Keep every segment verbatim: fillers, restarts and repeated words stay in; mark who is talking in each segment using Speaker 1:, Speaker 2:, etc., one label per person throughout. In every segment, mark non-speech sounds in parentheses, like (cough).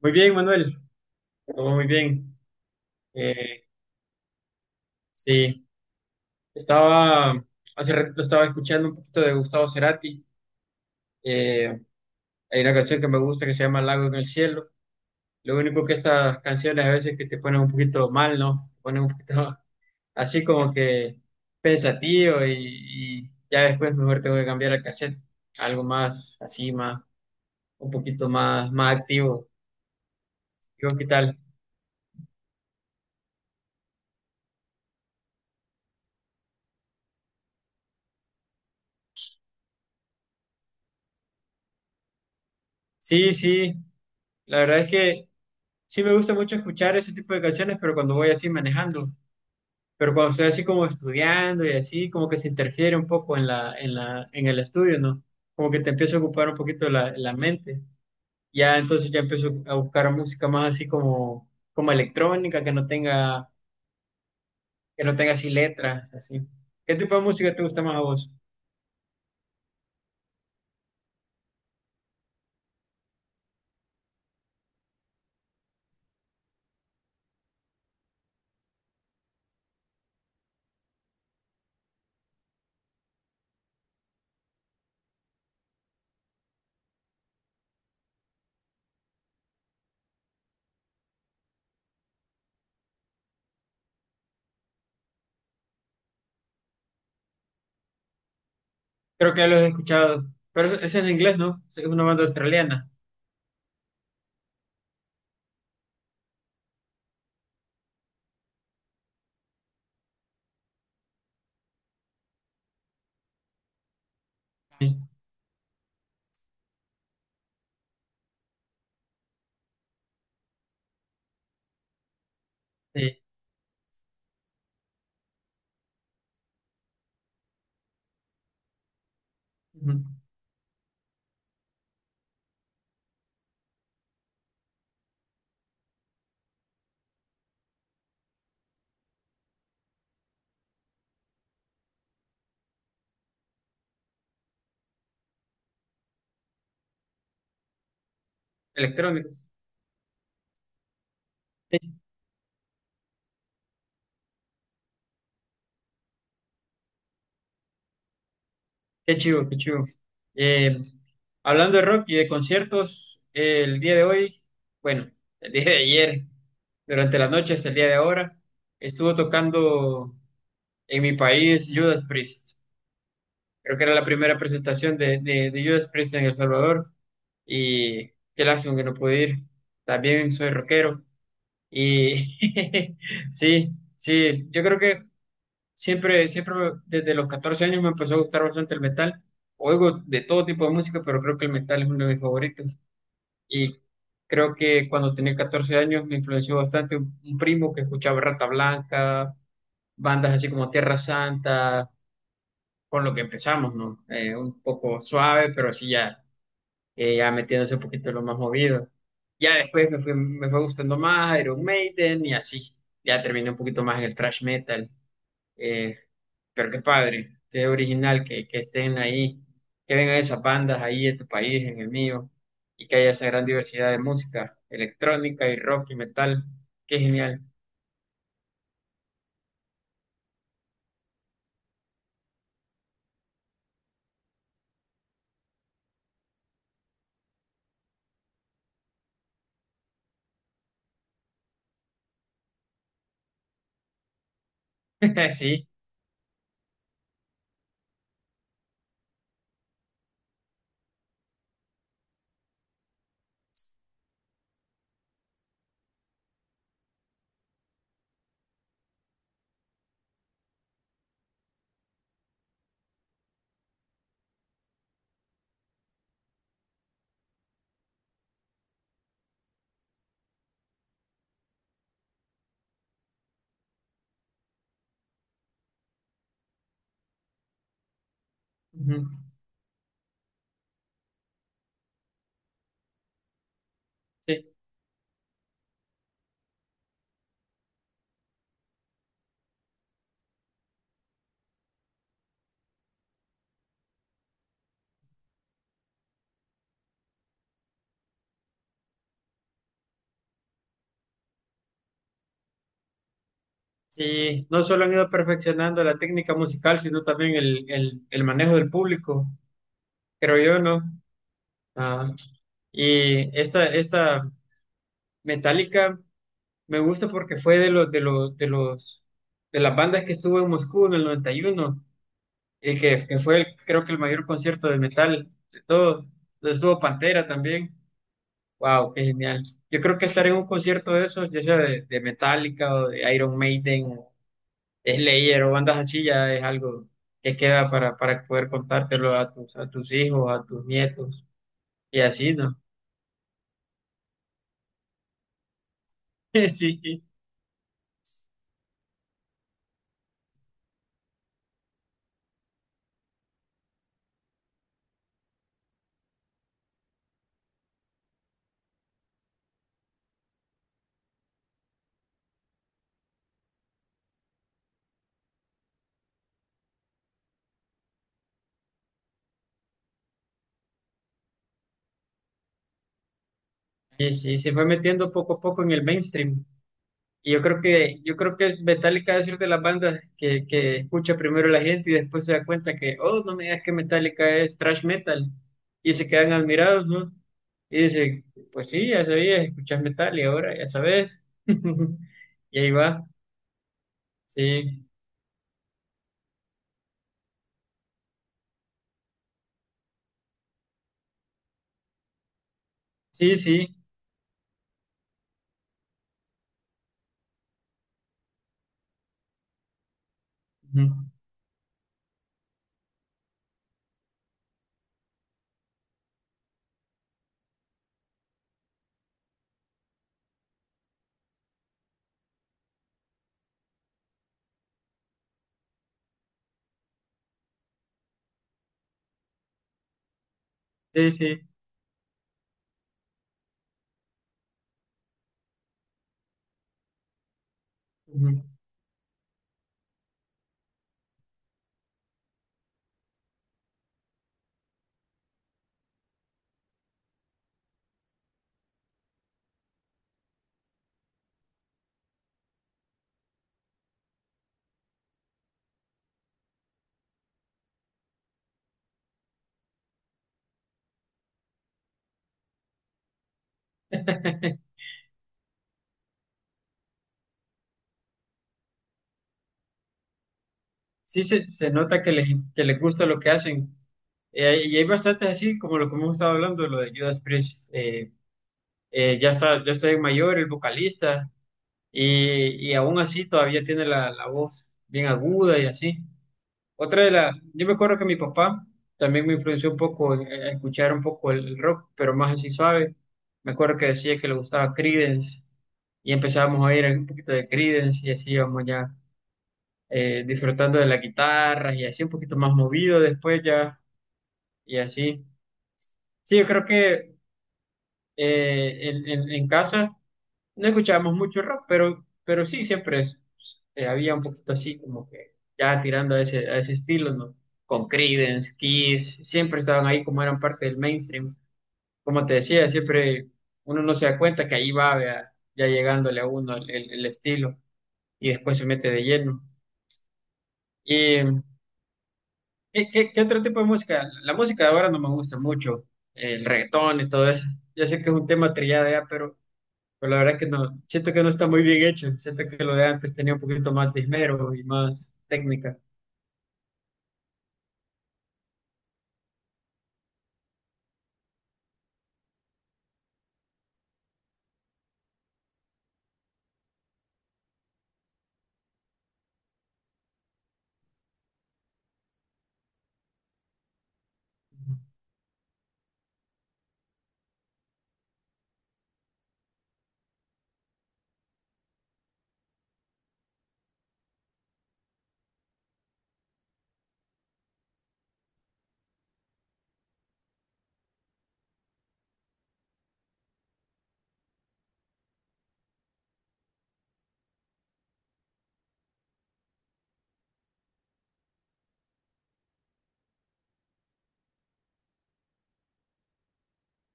Speaker 1: Muy bien, Manuel, todo muy bien. Eh, sí, estaba, hace rato estaba escuchando un poquito de Gustavo Cerati. Eh, Hay una canción que me gusta que se llama Lago en el Cielo. Lo único que estas canciones a veces que te ponen un poquito mal, ¿no? Te ponen un poquito (laughs) así como que pensativo y, y ya después mejor tengo que cambiar al cassette. Algo más así, más, un poquito más, más activo. Digo, ¿qué tal? Sí, sí, la verdad es que... Sí me gusta mucho escuchar ese tipo de canciones, pero cuando voy así manejando, pero cuando estoy así como estudiando y así, como que se interfiere un poco en la, en la, en el estudio, ¿no? Como que te empieza a ocupar un poquito la, la mente. Ya entonces ya empiezo a buscar música más así como, como electrónica, que no tenga, que no tenga así letras, así. ¿Qué tipo de música te gusta más a vos? Creo que ya lo he escuchado, pero es es en inglés, ¿no? Es una banda australiana. Sí, sí. Ujú. Electrónicos. Qué chivo, qué chivo. Eh, Hablando de rock y de conciertos, eh, el día de hoy, bueno, el día de ayer, durante la noche hasta el día de ahora, estuvo tocando en mi país Judas Priest. Creo que era la primera presentación de, de, de Judas Priest en El Salvador y qué lástima que no pude ir. También soy rockero y (laughs) sí, sí, yo creo que siempre, siempre desde los catorce años me empezó a gustar bastante el metal. Oigo de todo tipo de música, pero creo que el metal es uno de mis favoritos. Y creo que cuando tenía catorce años me influenció bastante un, un primo que escuchaba Rata Blanca, bandas así como Tierra Santa, con lo que empezamos, ¿no? Eh, un poco suave, pero así ya, eh, ya metiéndose un poquito en lo más movido. Ya después me fue, me fue gustando más Iron Maiden y así. Ya terminé un poquito más en el thrash metal. Eh, pero qué padre, qué original que, que estén ahí, que vengan esas bandas ahí en tu país, en el mío, y que haya esa gran diversidad de música electrónica y rock y metal. Qué genial. (laughs) Sí, ujú, sí, sí. No solo han ido perfeccionando la técnica musical, sino también el, el, el manejo del público, creo yo, ¿no? Ah, y esta, esta Metallica me gusta porque fue de los, de los, de los, de las bandas que estuvo en Moscú en el noventa y uno. El que, que fue, el, creo que el mayor concierto de metal de todos. Donde estuvo Pantera también. Wow, qué genial. Yo creo que estar en un concierto de esos, ya sea de, de Metallica o de Iron Maiden, o Slayer o bandas así, ya es algo que queda para, para poder contártelo a tus, a tus hijos, a tus nietos y así, ¿no? (laughs) Sí, sí, sí, se fue metiendo poco a poco en el mainstream. Y yo creo que, yo creo que Metallica es de las bandas que, que escucha primero la gente y después se da cuenta que, oh, no me digas que Metallica es thrash metal. Y se quedan admirados, ¿no? Y dicen, pues sí, ya sabías, escuchas metal y ahora ya sabes. (laughs) Y ahí va. Sí, sí, sí. Ujú. Sí, sí. Ujú. (laughs) Sí, se, se nota que les, que les gusta lo que hacen. Eh, y hay bastantes así, como lo que hemos estado hablando, lo de Judas Priest. Eh, eh, ya está, ya está mayor, el vocalista. Y, y aún así todavía tiene la, la voz bien aguda y así. Otra de las, yo me acuerdo que mi papá también me influenció un poco en- en escuchar un poco el el rock, pero más así suave. Me acuerdo que decía que le gustaba Creedence y empezábamos a ir un poquito de Creedence y así íbamos ya eh, disfrutando de la guitarra y así un poquito más movido después ya y así. Sí, yo creo que eh, en en- en casa no escuchábamos mucho rock, pero, pero sí, siempre es- eh, había un poquito así, como que ya tirando a ese, a ese estilo, ¿no? Con Creedence, Kiss, siempre estaban ahí como eran parte del mainstream. Como te decía, siempre uno no se da cuenta que ahí va, vea, ya llegándole a uno el, el- el estilo y después se mete de lleno. ¿Y qué, qué- qué otro tipo de música? La música de ahora no me gusta mucho, el reggaetón y todo eso. Yo sé que es un tema trillado ya, pero... Pero la verdad que no, siento que no está muy bien hecho. Siento que lo de antes tenía un poquito más de esmero y más técnica.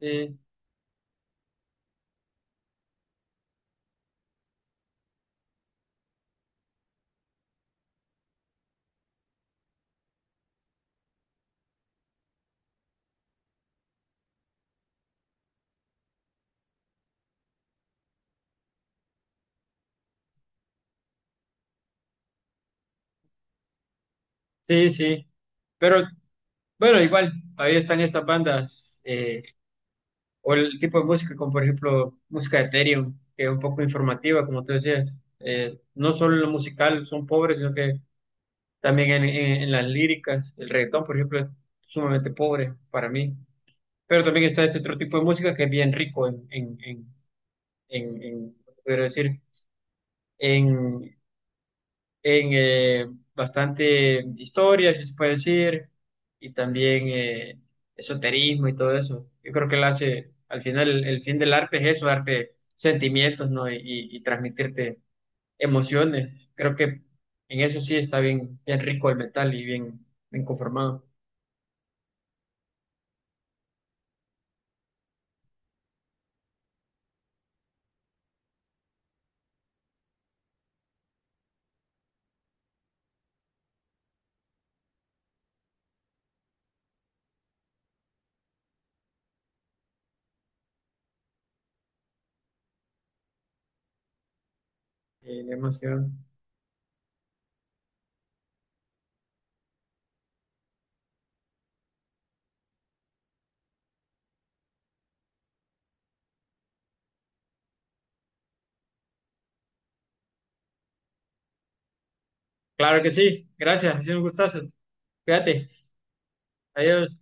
Speaker 1: Sí, sí, sí. Pero bueno, igual, todavía están estas bandas eh, o el tipo de música, como por ejemplo música de Ethereum, que es un poco informativa, como tú decías. Eh, no solo en lo musical son pobres, sino que también en, en- en las líricas. El reggaetón, por ejemplo, es sumamente pobre para mí. Pero también está este otro tipo de música que es bien rico en, en, en, en, en- podría decir, en, en eh, bastante historia, si se puede decir, y también eh, esoterismo y todo eso. Yo creo que él hace, al final, el, el fin del arte es eso, darte sentimientos, ¿no? Y, y- y transmitirte emociones. Creo que en eso sí está bien, bien rico el metal y bien, bien conformado. Eh, la emoción. Claro que sí, gracias, ha sido un gustazo. Cuídate, adiós.